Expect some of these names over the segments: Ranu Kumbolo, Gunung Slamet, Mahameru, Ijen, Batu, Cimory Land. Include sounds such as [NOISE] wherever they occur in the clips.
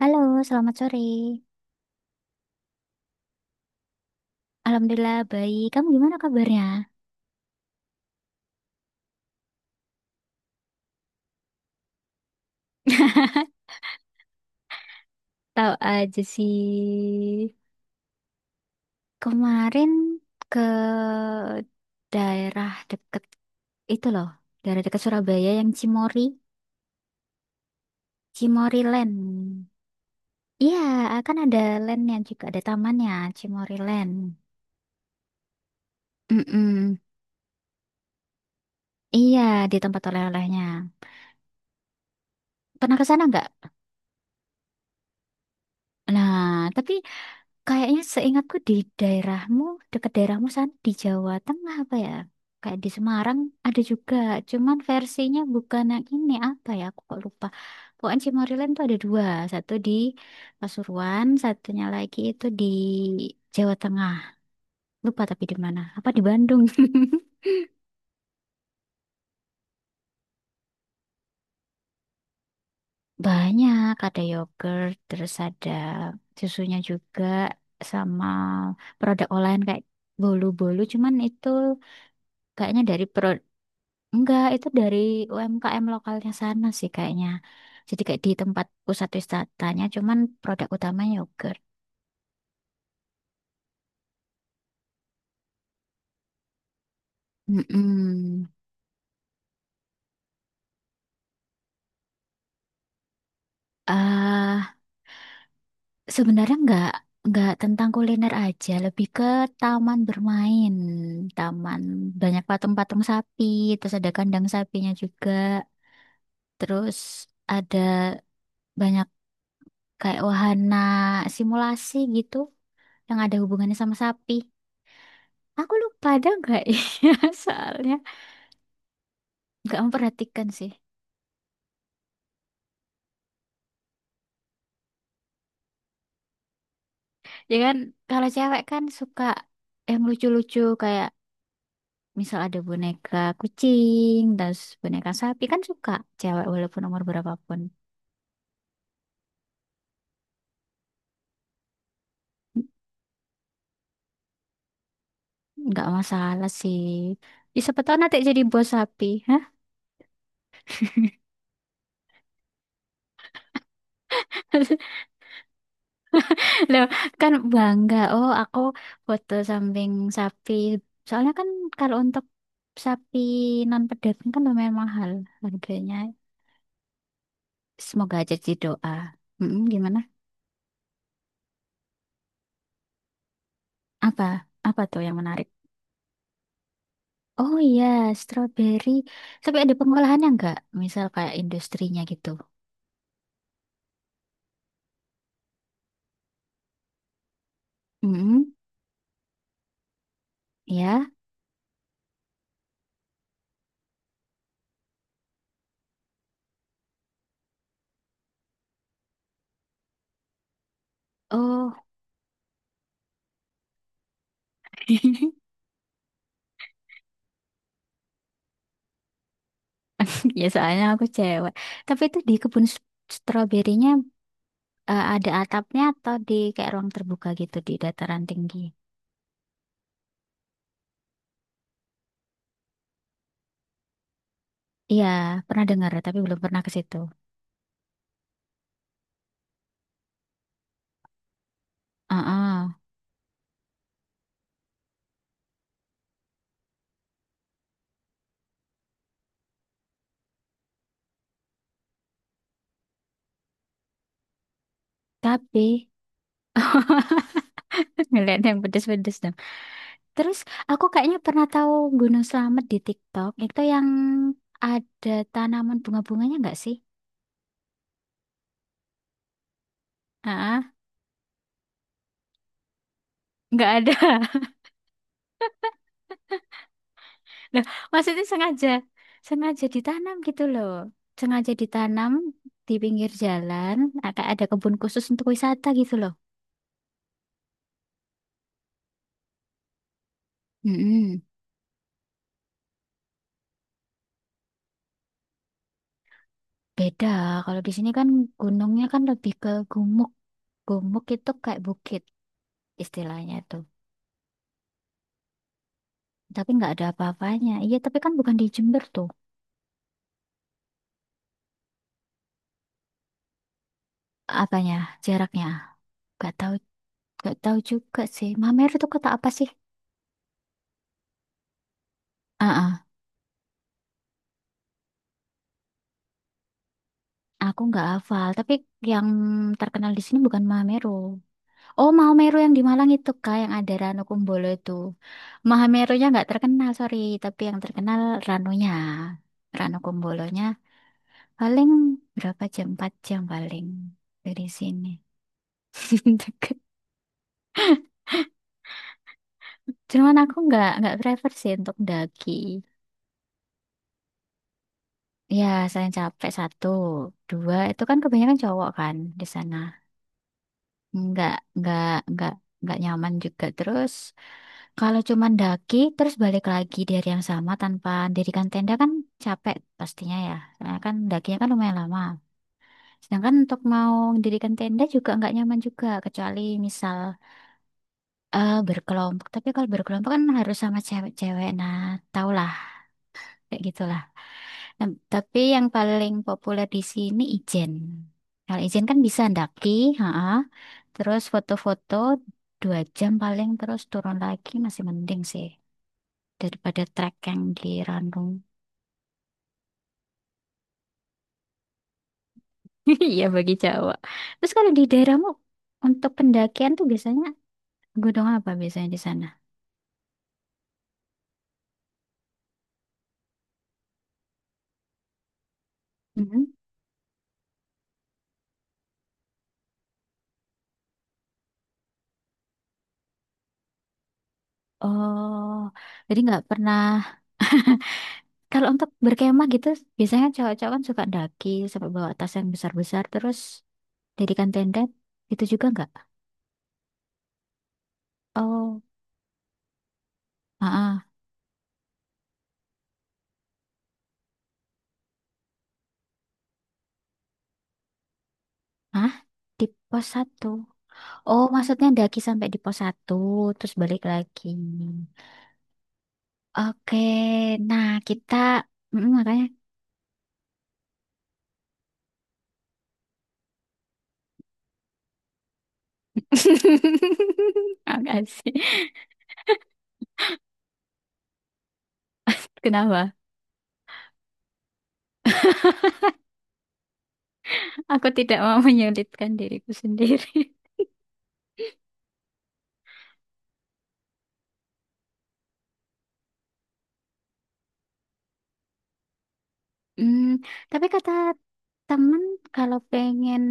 Halo, selamat sore. Alhamdulillah baik. Kamu gimana kabarnya? Tahu aja sih. Kemarin ke daerah deket itu loh, daerah deket Surabaya yang Cimory, Cimory Land. Iya, akan ada landnya juga, ada tamannya, Cimory Land. Mm-mm. Iya, di tempat oleh-olehnya. Pernah ke sana nggak? Nah, tapi kayaknya seingatku di daerahmu, dekat daerahmu sana di Jawa Tengah apa ya? Kayak di Semarang ada juga, cuman versinya bukan yang ini apa ya? Aku kok lupa. Pokoknya Cimoryland tuh ada dua, satu di Pasuruan, satunya lagi itu di Jawa Tengah. Lupa tapi di mana? Apa di Bandung? [LAUGHS] Banyak, ada yogurt, terus ada susunya juga, sama produk olahan kayak bolu-bolu, cuman itu kayaknya dari pro. Enggak, itu dari UMKM lokalnya sana sih kayaknya. Jadi kayak di tempat pusat wisatanya, cuman produk utamanya yogurt. Mm-mm. ah Sebenarnya nggak tentang kuliner aja, lebih ke taman bermain, taman banyak patung-patung sapi, terus ada kandang sapinya juga, terus ada banyak kayak wahana simulasi gitu yang ada hubungannya sama sapi. Aku lupa ada enggak [LAUGHS] ya soalnya. Nggak memperhatikan sih. Ya kan kalau cewek kan suka yang lucu-lucu kayak misal ada boneka kucing, terus boneka sapi kan suka cewek walaupun umur berapapun. Nggak masalah sih. Ya, siapa tahu nanti jadi bos sapi. Hah? [LAUGHS] Loh, kan bangga. Oh, aku foto samping sapi. Soalnya kan kalau untuk sapi non pedagang kan lumayan mahal harganya. Semoga aja jadi doa. Mm-mm, gimana? Apa? Apa tuh yang menarik? Oh iya, strawberry. Tapi ada pengolahannya nggak? Misal kayak industrinya gitu. Mm, ya. Oh, [LAUGHS] ya soalnya aku cewek. Tapi itu di stroberinya, ada atapnya atau di kayak ruang terbuka gitu di dataran tinggi? Iya, pernah dengar tapi belum pernah ke situ. Heeh. Tapi [LAUGHS] ngeliat yang pedes-pedes dong. Terus aku kayaknya pernah tahu Gunung Slamet di TikTok. Itu yang ada tanaman bunga-bunganya nggak sih? Nggak ada. [LAUGHS] Nah, maksudnya sengaja, sengaja ditanam gitu loh. Sengaja ditanam di pinggir jalan, agak ada kebun khusus untuk wisata gitu loh. Mm-mm. Beda, kalau di sini kan gunungnya kan lebih ke gumuk. Gumuk itu kayak bukit istilahnya tuh. Tapi nggak ada apa-apanya. Iya, tapi kan bukan di Jember tuh. Apanya, jaraknya. Gak tahu, gak tahu juga sih. Mameru itu kota apa sih? Ah, ah. Aku nggak hafal, tapi yang terkenal di sini bukan Mameru. Oh, Mahameru yang di Malang itu kak, yang ada Ranu Kumbolo itu. Mahamerunya nggak terkenal, sorry, tapi yang terkenal Ranunya. Ranu Kumbolonya paling berapa jam? Empat jam paling dari sini. [LAUGHS] Deket. Cuman aku nggak prefer sih untuk daki. Ya, saya capek satu, dua itu kan kebanyakan cowok kan di sana. nggak nggak nggak nggak nyaman juga. Terus kalau cuman daki terus balik lagi dari yang sama tanpa dirikan tenda kan capek pastinya ya karena kan dakinya kan lumayan lama, sedangkan untuk mau mendirikan tenda juga nggak nyaman juga kecuali misal berkelompok, tapi kalau berkelompok kan harus sama cewek-cewek. Nah, tau lah kayak gitu. Nah, tapi yang paling populer di sini Ijen. Kalau Ijen kan bisa ndaki, ha. Terus foto-foto dua jam paling terus turun lagi masih mending sih daripada trek yang di Ranung. [LAUGHS] Iya bagi Jawa. Terus kalau di daerahmu untuk pendakian tuh biasanya gunung apa biasanya di sana? Mhm. Oh, jadi nggak pernah. [LAUGHS] Kalau untuk berkemah gitu, biasanya cowok-cowok kan suka daki sampai bawa tas yang besar-besar terus. Dirikan tenda itu juga nggak? Oh, ah, ah, di pos satu. Oh, maksudnya daki sampai di pos satu, terus balik lagi. Oke, nah kita makanya [LAUGHS] makasih. Kenapa? Aku tidak mau menyulitkan diriku sendiri. Hmm, tapi kata temen kalau pengen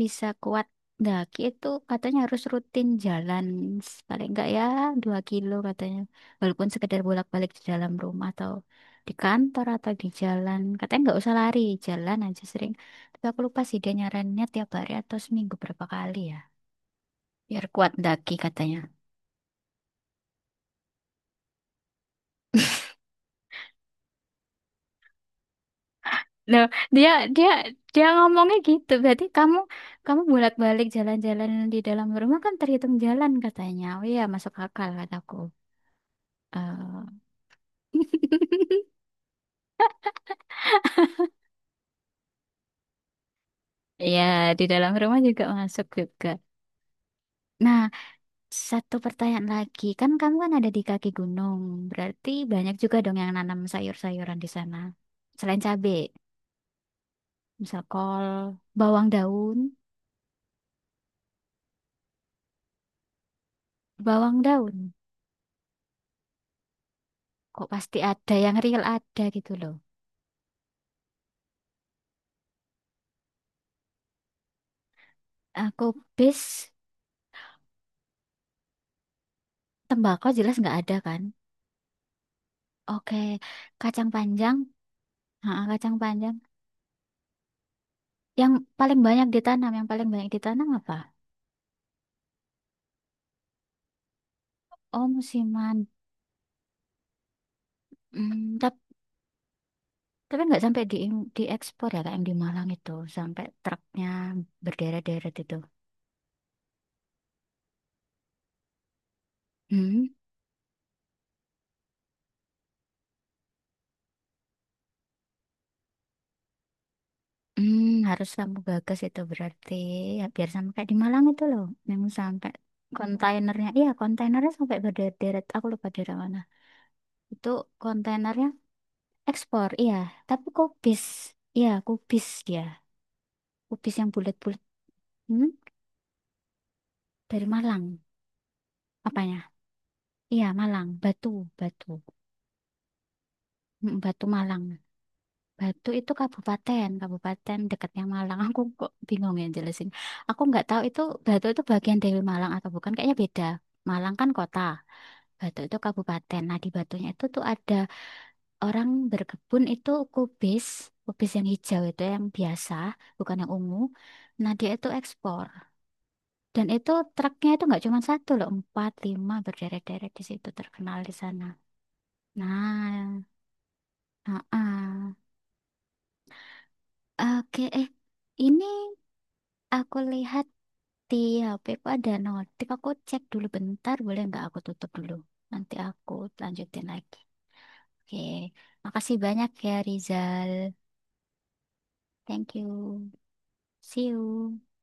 bisa kuat daki itu katanya harus rutin jalan, paling enggak ya 2 kilo katanya, walaupun sekedar bolak-balik di dalam rumah atau di kantor atau di jalan. Katanya nggak usah lari, jalan aja sering. Tapi aku lupa sih dia nyarannya tiap hari atau seminggu berapa kali ya, biar kuat daki katanya. Loh, dia dia dia ngomongnya gitu. Berarti kamu kamu bolak-balik jalan-jalan di dalam rumah kan terhitung jalan katanya. Oh iya, masuk akal kataku. Eh, [LAUGHS] iya, di dalam rumah juga masuk juga. Nah, satu pertanyaan lagi. Kan kamu kan ada di kaki gunung. Berarti banyak juga dong yang nanam sayur-sayuran di sana. Selain cabe, misal kol, bawang daun, bawang daun. Kok pasti ada yang real ada gitu loh. Aku bis. Tembakau jelas nggak ada kan? Oke, kacang panjang, ha, kacang panjang. Yang paling banyak ditanam, yang paling banyak ditanam apa? Oh, musiman. Hmm, tapi nggak sampai di diekspor ya, kayak yang di Malang itu, sampai truknya berderet-deret itu. Hmm, hmm, harus kamu gagas itu berarti, ya, biar sama kayak di Malang itu loh, yang sampai kontainernya, iya kontainernya sampai berderet-deret. Aku lupa daerah mana. Itu kontainernya ekspor, iya. Tapi kubis, iya kubis dia. Kubis yang bulat-bulat. Hmm? Dari Malang. Apanya? Iya, Malang. Batu, Batu. Mm, Batu Malang. Batu itu kabupaten, kabupaten dekatnya Malang. [LAUGHS] Aku kok bingung ya jelasin. Aku nggak tahu itu Batu itu bagian dari Malang atau bukan. Kayaknya beda. Malang kan kota, Batu itu kabupaten. Nah, di Batunya itu tuh ada orang berkebun itu kubis, kubis yang hijau itu yang biasa, bukan yang ungu. Nah, dia itu ekspor. Dan itu truknya itu nggak cuma satu loh, empat, lima berderet-deret di situ terkenal di sana. Nah, heeh. Oke, eh ini aku lihat di HP ku ada notif, aku cek dulu bentar, boleh nggak aku tutup dulu? Nanti aku lanjutin lagi. Oke, makasih banyak ya Rizal. Thank you. See you.